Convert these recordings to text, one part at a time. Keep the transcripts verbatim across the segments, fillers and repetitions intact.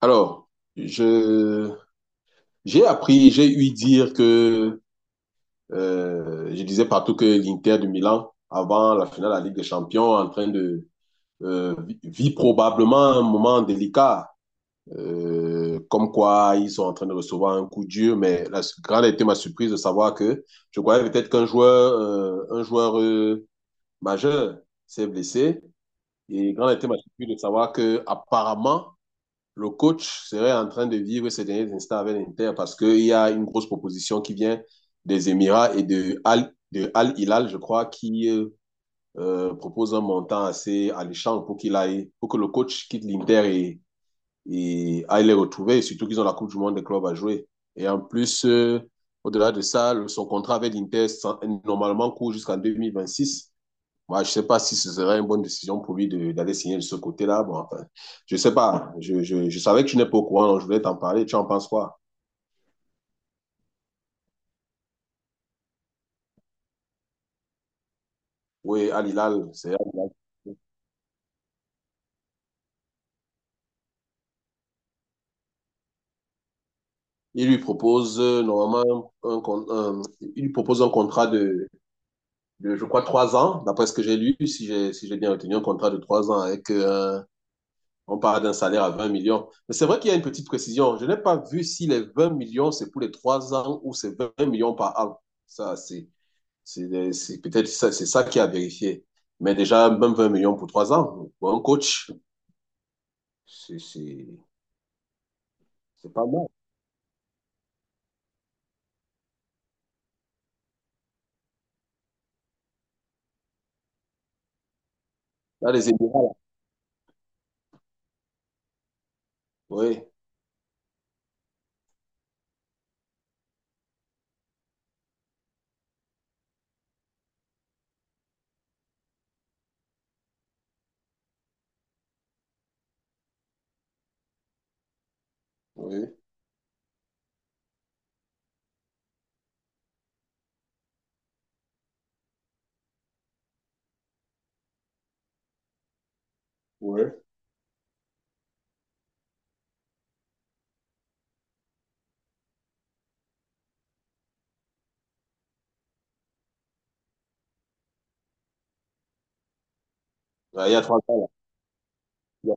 Alors, je, j'ai appris, j'ai eu dire que, euh, je disais partout que l'Inter de Milan, avant la finale de la Ligue des Champions, en train de, euh, vi- vit probablement un moment délicat, euh, comme quoi ils sont en train de recevoir un coup dur, mais la su- grande a été ma surprise de savoir que je croyais peut-être qu'un joueur, euh, un joueur, euh, majeur s'est blessé, et grande a été ma surprise de savoir que, apparemment, le coach serait en train de vivre ces derniers instants avec l'Inter parce qu'il y a une grosse proposition qui vient des Émirats et de Al, de Al Hilal, je crois, qui euh, propose un montant assez alléchant pour qu'il aille, pour que le coach quitte l'Inter et, et, aille les retrouver, et surtout qu'ils ont la Coupe du Monde des clubs à jouer. Et en plus, euh, au-delà de ça, son contrat avec l'Inter normalement court jusqu'en deux mille vingt-six. Moi, je ne sais pas si ce serait une bonne décision pour lui de- d'aller signer de ce côté-là. Bon, enfin, je ne sais pas. Je, je, je savais que tu n'es pas au courant, donc je voulais t'en parler. Tu en penses quoi? Oui, Al Hilal, c'est Al Hilal. Il lui propose euh, normalement un, con- un- il lui propose un contrat de, de, je crois, trois ans, d'après ce que j'ai lu, si j'ai si j'ai bien retenu, un contrat de trois ans avec, euh, on parle d'un salaire à vingt millions. Mais c'est vrai qu'il y a une petite précision. Je n'ai pas vu si les vingt millions, c'est pour les trois ans ou c'est vingt millions par an. Ça, c'est C'est euh, c'est peut-être ça, c'est ça qui a vérifié. Mais déjà, même vingt millions pour trois ans, pour un coach, c'est c'est- c'est pas mal. Là, les Émirats, là. Oui, oui, oui. Là, il y a trois ans, là.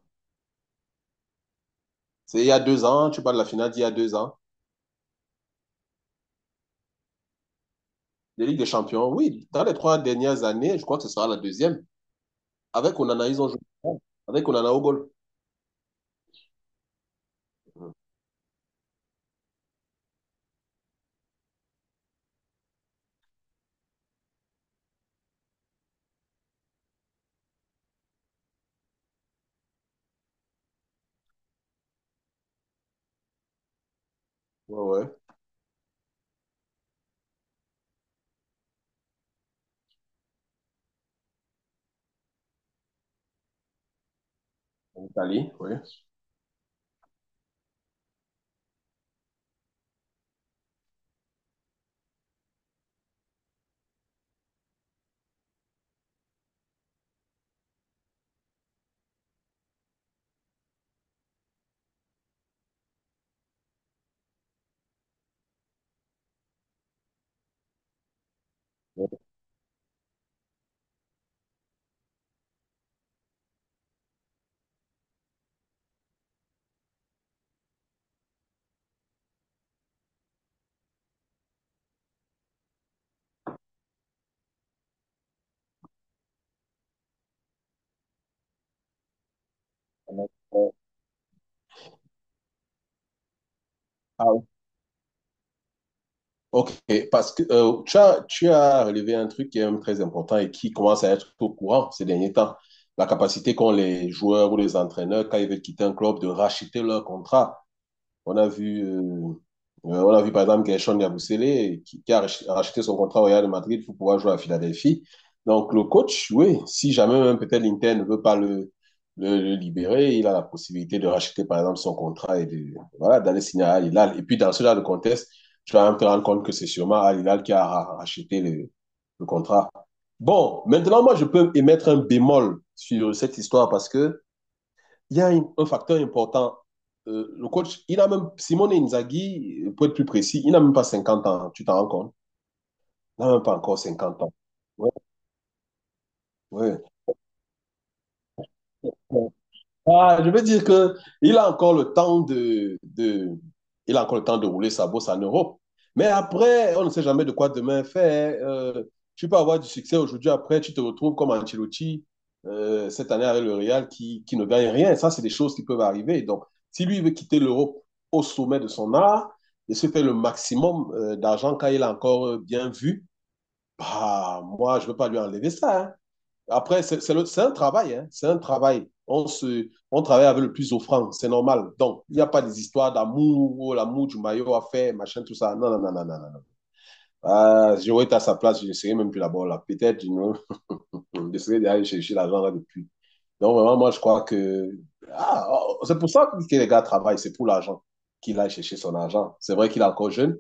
C'est il y a deux ans, tu parles de la finale d'il y a deux ans. Les Ligues des Champions, oui, dans les trois dernières années, je crois que ce sera la deuxième. Avec Onana, ils ont joué. Avec Onana au goal. Mhm. Ouais, ouais. En Italie, oui. Ouais. Ok, parce que euh, tu as, tu as relevé un truc qui est même très important et qui commence à être au courant ces derniers temps. La capacité qu'ont les joueurs ou les entraîneurs, quand ils veulent quitter un club, de racheter leur contrat. On a vu, euh, euh, on a vu par exemple Gershon Yabusele qui, qui a rach- a racheté son contrat au Real de Madrid pour pouvoir jouer à Philadelphie. Donc le coach, oui, si jamais même peut-être l'Inter ne veut pas le, le, le libérer, il a la possibilité de racheter par exemple son contrat et de, voilà, d'aller signer à Al Hilal. Et puis dans ce genre de contexte, tu vas même te rendre compte que c'est sûrement Al Hilal qui a ra- racheté le, le contrat. Bon, maintenant moi je peux émettre un bémol sur cette histoire parce que il y a une- un facteur important. Euh, le coach, il a même, Simone Inzaghi, pour être plus précis, il n'a même pas cinquante ans, tu t'en rends compte? Il n'a même pas encore cinquante ans. Ouais, ouais. Ah, je veux dire que il a encore le temps de, de, il a encore le temps de rouler sa bosse en Europe. Mais après, on ne sait jamais de quoi demain fait. Euh, tu peux avoir du succès aujourd'hui, après, tu te retrouves comme Ancelotti euh, cette année avec le Real qui, qui ne gagne rien. Ça, c'est des choses qui peuvent arriver. Donc, si lui veut quitter l'Europe au sommet de son art et se faire le maximum euh, d'argent quand il a encore euh, bien vu, bah, moi, je ne veux pas lui enlever ça. Hein. Après, c'est c'est le- c'est un travail, hein, c'est un travail. On se, on travaille avec le plus offrant, c'est normal. Donc, il n'y a pas des histoires d'amour, oh, l'amour du maillot à faire, machin, tout ça. Non, non, non, non, non, non. Non. Ah, j'aurais été à sa place, je ne serais même plus là-bas, là. Peut-être, je me- je serais d'aller chercher l'argent là depuis. Donc, vraiment, moi, je crois que. Ah, oh, c'est pour ça que les gars travaillent, c'est pour l'argent qu'il aille chercher son argent. C'est vrai qu'il est encore jeune.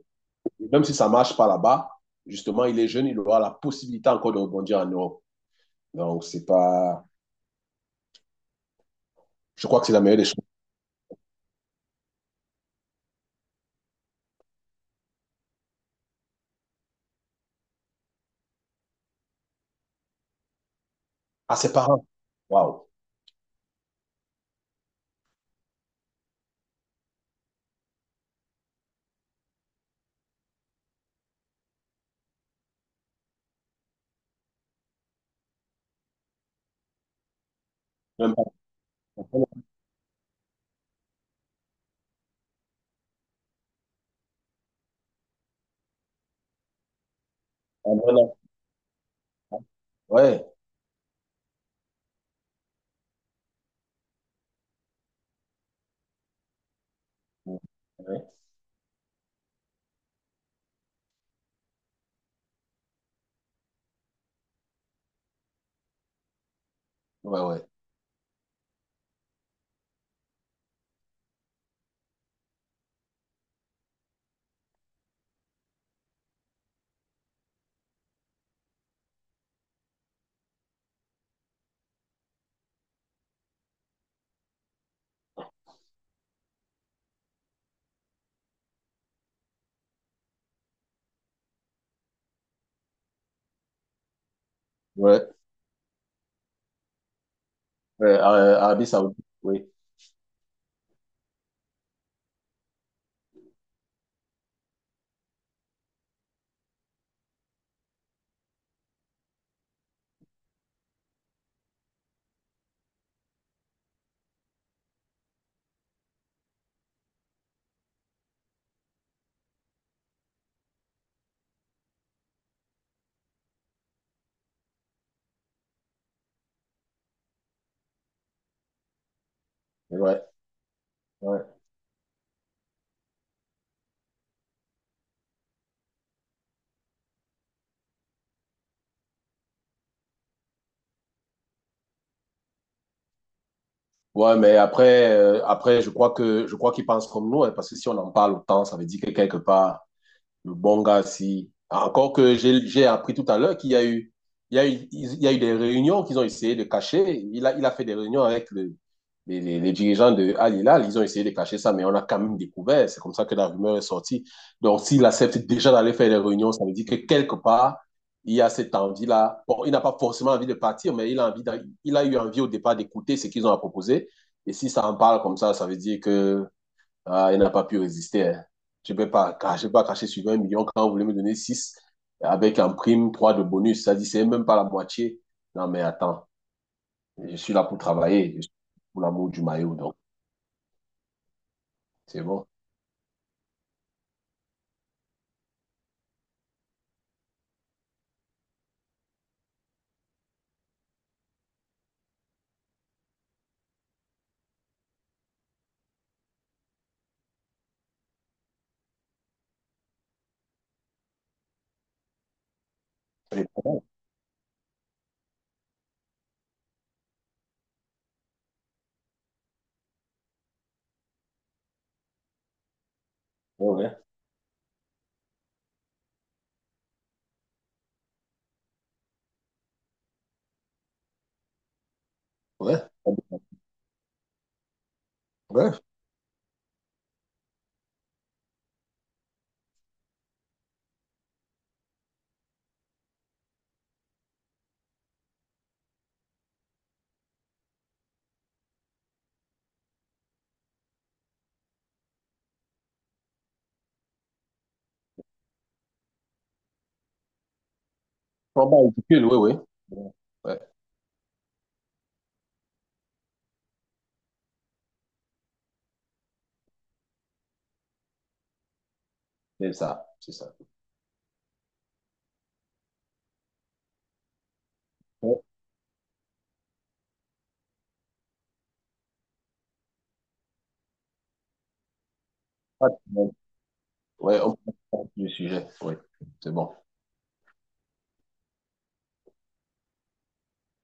Même si ça ne marche pas là-bas, justement, il est jeune, il aura la possibilité encore de rebondir en Europe. Donc, c'est pas. Je crois que c'est la meilleure des choses. Ah, ses parents. Waouh. Même pas. Un bon enfant. Ouais. Ouais. Ouais, ouais. Ouais. Ouais, Ar- Arabie Saoudite, oui. Ouais, ouais. Ouais, mais après, euh, après, je crois que je crois qu'ils pensent comme nous, hein, parce que si on en parle autant, ça veut dire que quelque part, le bon gars, si. Encore que j'ai j'ai appris tout à l'heure qu'il y a eu, il y a eu, il y a eu des réunions qu'ils ont essayé de cacher. Il a, il a fait des réunions avec le, les, les- les dirigeants de Al Hilal. Ils ont essayé de cacher ça, mais on a quand même découvert. C'est comme ça que la rumeur est sortie. Donc, s'il accepte déjà d'aller faire des réunions, ça veut dire que quelque part, il y a cette envie-là. Bon, il n'a pas forcément envie de partir, mais il a envie d'a- il a eu envie au départ d'écouter ce qu'ils ont à proposer. Et si ça en parle comme ça, ça veut dire que ah, il n'a pas pu résister. Hein. Je ne peux pas, car- je peux pas cracher sur vingt millions quand vous voulez me donner six avec en prime trois de bonus. Ça dit, c'est même pas la moitié. Non, mais attends, je suis là pour travailler. Je suis pour l'amour du maillot, donc c'est bon. Ouais, ouais, ouais. Ouais, combat ridicule, oui, oui. Ouais, c'est ça, c'est ça. Ouais, on peut pas sur le sujet, oui, c'est bon.